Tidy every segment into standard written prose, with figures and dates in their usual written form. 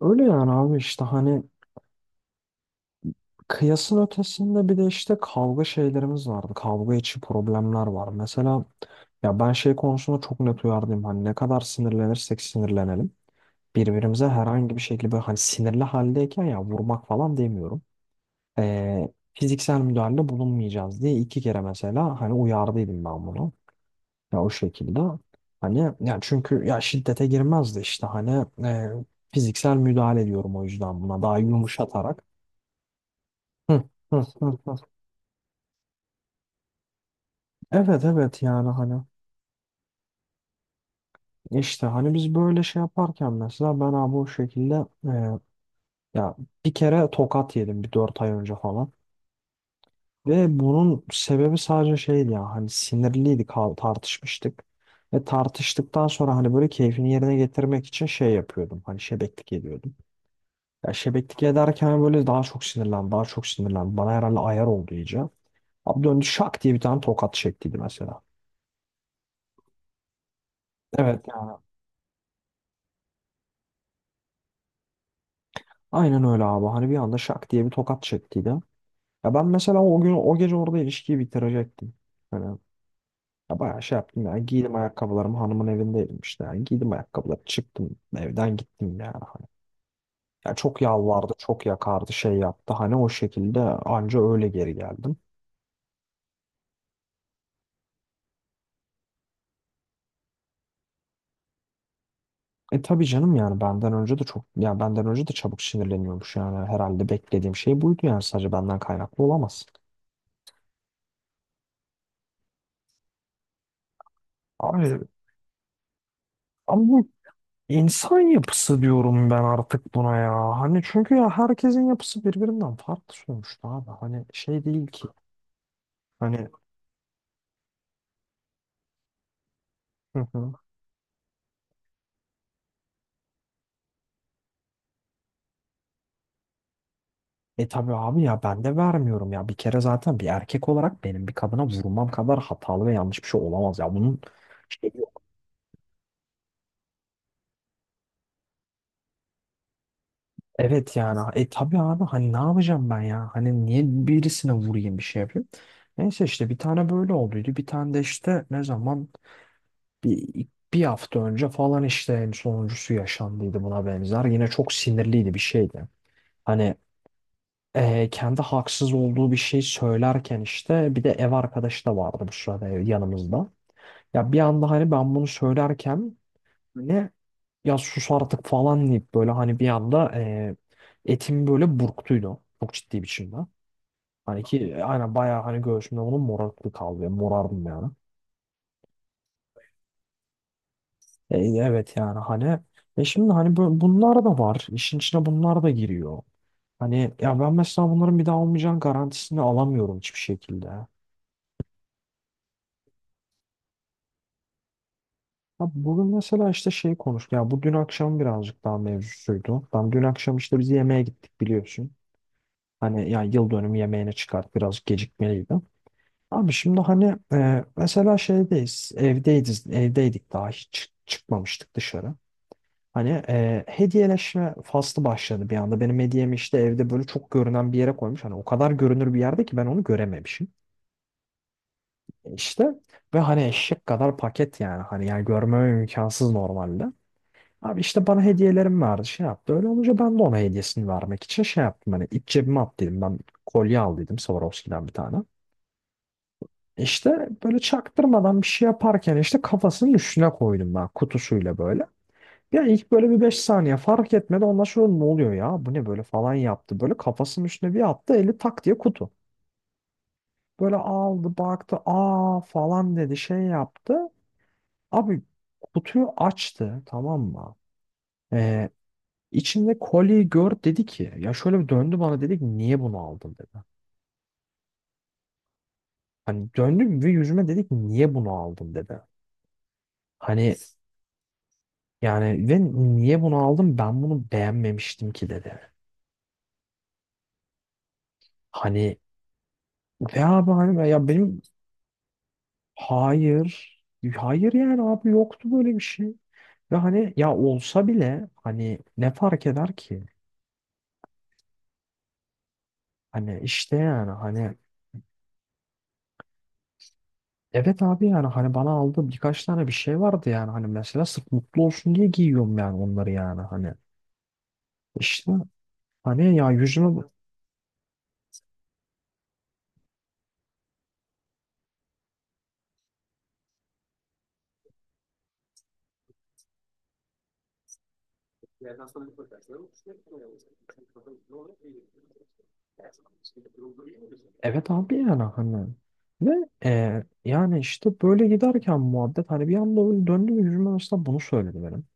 Öyle yani abi işte hani kıyasın ötesinde bir de işte kavga şeylerimiz vardı. Kavga içi problemler var. Mesela ya ben şey konusunda çok net uyardım. Hani ne kadar sinirlenirsek sinirlenelim. Birbirimize herhangi bir şekilde böyle hani sinirli haldeyken ya vurmak falan demiyorum. Fiziksel müdahalede bulunmayacağız diye iki kere mesela hani uyardıydım ben bunu. Ya o şekilde. Hani ya çünkü ya şiddete girmezdi işte hani fiziksel müdahale ediyorum o yüzden buna daha yumuşatarak. Hı, hı, hı, hı. Evet evet yani hani işte hani biz böyle şey yaparken mesela ben abi o şekilde e, ya bir kere tokat yedim bir 4 ay önce falan ve bunun sebebi sadece şeydi ya hani sinirliydik tartışmıştık ve tartıştıktan sonra hani böyle keyfini yerine getirmek için şey yapıyordum hani şebeklik ediyordum ya şebeklik ederken böyle daha çok sinirlendi daha çok sinirlendi bana herhalde ayar oldu iyice abi döndü şak diye bir tane tokat çektiydi mesela. Evet. Aynen öyle abi. Hani bir anda şak diye bir tokat çektiydi. Ya ben mesela o gün o gece orada ilişkiyi bitirecektim. Hani ya bayağı şey yaptım ya. Giydim ayakkabılarımı, hanımın evindeydim işte. Yani giydim ayakkabıları çıktım evden gittim yani. Hani. Ya çok yalvardı, çok yakardı, şey yaptı. Hani o şekilde anca öyle geri geldim. E tabii canım, yani benden önce de çok ya benden önce de çabuk sinirleniyormuş yani, herhalde beklediğim şey buydu yani, sadece benden kaynaklı olamaz. Abi ama bu İnsan yapısı diyorum ben artık buna ya. Hani çünkü ya herkesin yapısı birbirinden farklı sonuçta abi. Hani şey değil ki. Hani hı hı. E tabii abi ya ben de vermiyorum ya. Bir kere zaten bir erkek olarak benim bir kadına vurmam kadar hatalı ve yanlış bir şey olamaz ya. Bunun şey yok. Evet yani. E tabii abi hani ne yapacağım ben ya? Hani niye birisine vurayım, bir şey yapayım? Neyse işte bir tane böyle olduydu. Bir tane de işte ne zaman Bir, bir hafta önce falan işte en sonuncusu yaşandıydı buna benzer. Yine çok sinirliydi bir şeydi. Hani kendi haksız olduğu bir şey söylerken işte bir de ev arkadaşı da vardı bu sırada yanımızda. Ya bir anda hani ben bunu söylerken ne ya sus artık falan deyip böyle hani bir anda etim böyle burktuydu. Çok ciddi biçimde. Hani ki aynen bayağı hani göğsümde onun morarıklığı kaldı. Morardım yani. Evet yani hani şimdi hani bunlar da var. İşin içine bunlar da giriyor. Hani ya ben mesela bunların bir daha olmayacağın garantisini alamıyorum hiçbir şekilde. Ya bugün mesela işte şey konuştuk. Ya bu dün akşam birazcık daha mevzusuydu. Ben dün akşam işte biz yemeğe gittik biliyorsun. Hani ya yıl dönümü yemeğine çıkart birazcık gecikmeliydi. Abi şimdi hani mesela şeydeyiz. Evdeydik, daha hiç çıkmamıştık dışarı. Hani hediyeleşme faslı başladı bir anda. Benim hediyemi işte evde böyle çok görünen bir yere koymuş. Hani o kadar görünür bir yerde ki ben onu görememişim. İşte ve hani eşek kadar paket yani. Hani yani görmem imkansız normalde. Abi işte bana hediyelerim vardı şey yaptı. Öyle olunca ben de ona hediyesini vermek için şey yaptım. Hani iç cebime at dedim. Ben kolye al dedim Swarovski'den bir tane. İşte böyle çaktırmadan bir şey yaparken işte kafasının üstüne koydum ben kutusuyla böyle. Ya ilk böyle bir 5 saniye fark etmedi. Ondan sonra ne oluyor ya? Bu ne böyle falan yaptı. Böyle kafasının üstüne bir attı. Eli tak diye kutu. Böyle aldı baktı. Aa falan dedi. Şey yaptı. Abi kutuyu açtı. Tamam mı? Ee, içinde kolyeyi gör dedi ki. Ya şöyle bir döndü bana, dedi ki niye bunu aldın dedi. Hani döndü ve yüzüme dedi ki niye bunu aldın dedi. Hani yani ve niye bunu aldım, ben bunu beğenmemiştim ki dedi. Hani ve abi hani ya benim. Hayır. Hayır yani abi, yoktu böyle bir şey. Ve hani ya olsa bile hani ne fark eder ki? Hani işte yani hani evet abi yani hani bana aldığım birkaç tane bir şey vardı yani hani mesela sırf mutlu olsun diye giyiyorum yani onları yani hani işte hani ya yüzüme evet abi yani hani ve yani işte böyle giderken muhabbet hani bir anda öyle döndü ve yüzüme aslında bunu söyledi benim.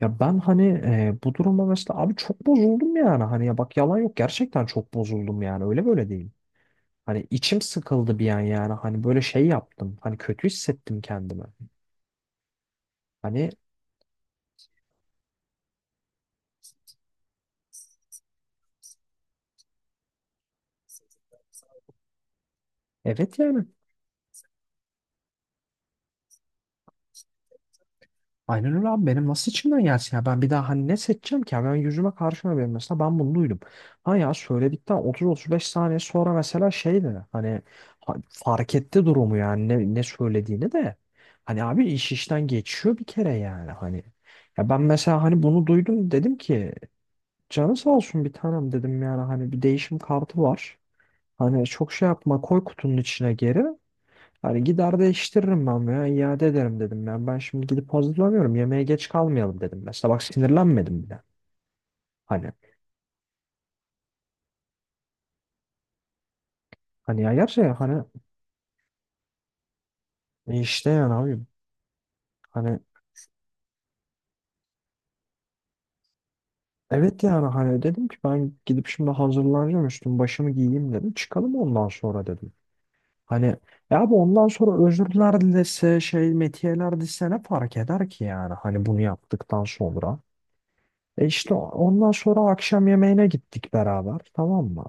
Ya ben hani bu duruma mesela abi çok bozuldum yani. Hani ya bak yalan yok, gerçekten çok bozuldum yani. Öyle böyle değil. Hani içim sıkıldı bir an yani. Hani böyle şey yaptım. Hani kötü hissettim kendimi. Hani evet yani aynen öyle abi, benim nasıl içimden gelsin ya, ben bir daha hani ne seçeceğim ki, ya ben yüzüme karşıma benim mesela ben bunu duydum. Ha ya söyledikten 30-35 saniye sonra mesela şeydi hani fark etti durumu yani ne söylediğini de hani abi iş işten geçiyor bir kere yani hani ya ben mesela hani bunu duydum, dedim ki canı sağ olsun bir tanem dedim, yani hani bir değişim kartı var. Hani çok şey yapma, koy kutunun içine geri. Hani gider değiştiririm ben veya iade ederim dedim ya. Ben şimdi gidip hazırlanıyorum. Yemeğe geç kalmayalım dedim. Mesela bak sinirlenmedim bile. Hani hani ya gerçekten hani işte yani abi hani evet yani hani dedim ki ben gidip şimdi hazırlanacağım, üstüm başımı giyeyim dedim. Çıkalım ondan sonra dedim. Hani ya bu ondan sonra özürler dilese, şey metiyeler dilese ne fark eder ki yani hani bunu yaptıktan sonra. İşte ondan sonra akşam yemeğine gittik beraber, tamam mı?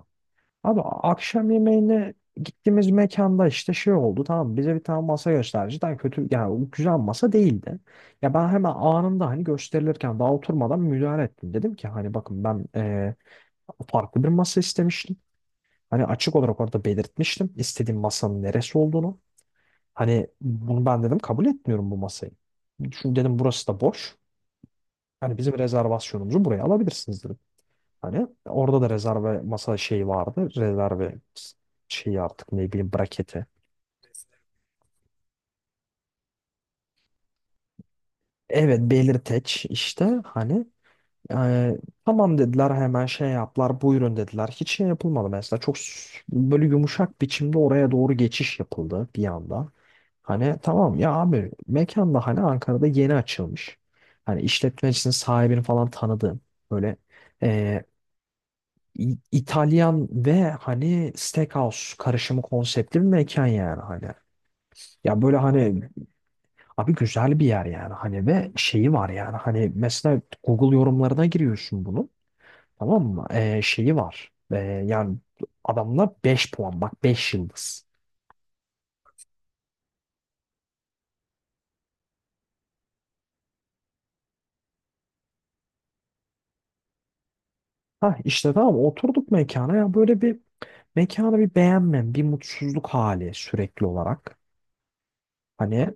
Abi akşam yemeğine gittiğimiz mekanda işte şey oldu, tamam, bize bir tane masa gösterdi. Cidden kötü yani, o güzel masa değildi. Ya ben hemen anında hani gösterilirken daha oturmadan müdahale ettim. Dedim ki hani bakın ben farklı bir masa istemiştim. Hani açık olarak orada belirtmiştim istediğim masanın neresi olduğunu. Hani bunu ben dedim kabul etmiyorum bu masayı. Çünkü dedim burası da boş. Hani bizim rezervasyonumuzu buraya alabilirsiniz dedim. Hani orada da rezerve masa şeyi vardı. Rezerve şeyi artık ne bileyim, braketi. Evet, belirteç işte hani e, tamam dediler, hemen şey yaptılar, buyurun dediler. Hiç şey yapılmadı mesela, çok böyle yumuşak biçimde oraya doğru geçiş yapıldı bir anda. Hani tamam ya abi mekan da hani Ankara'da yeni açılmış. Hani işletmecisinin sahibini falan tanıdığım böyle İtalyan ve hani steakhouse karışımı konseptli bir mekan yani hani. Ya böyle hani abi güzel bir yer yani hani, ve şeyi var yani hani mesela Google yorumlarına giriyorsun bunu, tamam mı? Şeyi var yani adamla 5 puan, bak 5 yıldız. Ha işte tamam oturduk mekana, ya böyle bir mekanı bir beğenmem, bir mutsuzluk hali sürekli olarak. Hani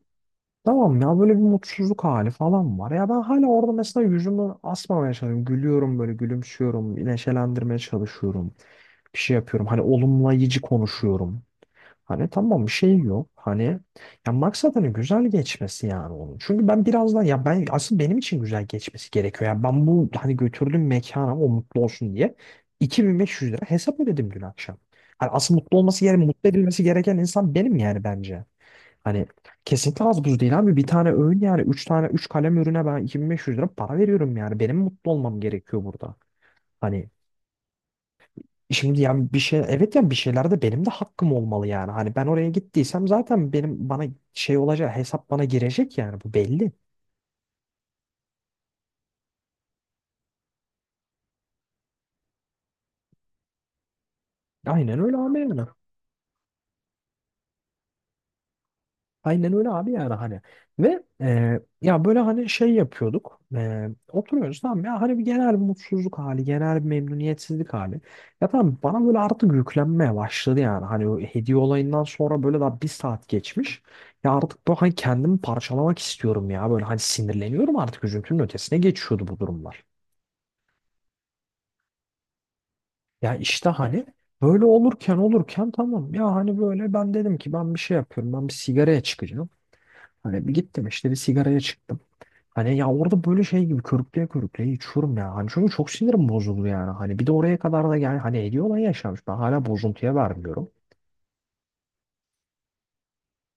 tamam, ya böyle bir mutsuzluk hali falan var. Ya ben hala orada mesela yüzümü asmamaya çalışıyorum. Gülüyorum, böyle gülümsüyorum. Neşelendirmeye çalışıyorum. Bir şey yapıyorum. Hani olumlayıcı konuşuyorum. Hani tamam bir şey yok. Hani ya maksat hani güzel geçmesi yani onun. Çünkü ben birazdan ya ben, asıl benim için güzel geçmesi gerekiyor. Ya ben bu hani götürdüğüm mekana o mutlu olsun diye 2500 lira hesap ödedim dün akşam. Hani asıl mutlu olması gereken, mutlu edilmesi gereken insan benim yani bence. Hani kesinlikle az buz değil abi. Bir tane öğün yani. Üç tane, üç kalem ürüne ben 2500 lira para veriyorum yani. Benim mutlu olmam gerekiyor burada. Hani şimdi yani bir şey, evet yani bir şeylerde benim de hakkım olmalı yani. Hani ben oraya gittiysem zaten benim bana şey olacak, hesap bana girecek yani, bu belli. Aynen öyle abi yani. Aynen öyle abi yani hani ve ya böyle hani şey yapıyorduk, oturuyoruz tamam ya hani bir genel bir mutsuzluk hali, genel bir memnuniyetsizlik hali, ya tamam bana böyle artık yüklenmeye başladı yani hani o hediye olayından sonra böyle daha 1 saat geçmiş, ya artık böyle hani kendimi parçalamak istiyorum ya, böyle hani sinirleniyorum artık, üzüntünün ötesine geçiyordu bu durumlar, ya işte hani böyle olurken tamam ya hani böyle ben dedim ki ben bir şey yapıyorum, ben bir sigaraya çıkacağım. Hani bir gittim işte bir sigaraya çıktım. Hani ya orada böyle şey gibi körükleye körükleye içiyorum ya. Hani çünkü çok sinirim bozuldu yani. Hani bir de oraya kadar da yani hani ediyor olan yaşamış. Ben hala bozuntuya vermiyorum.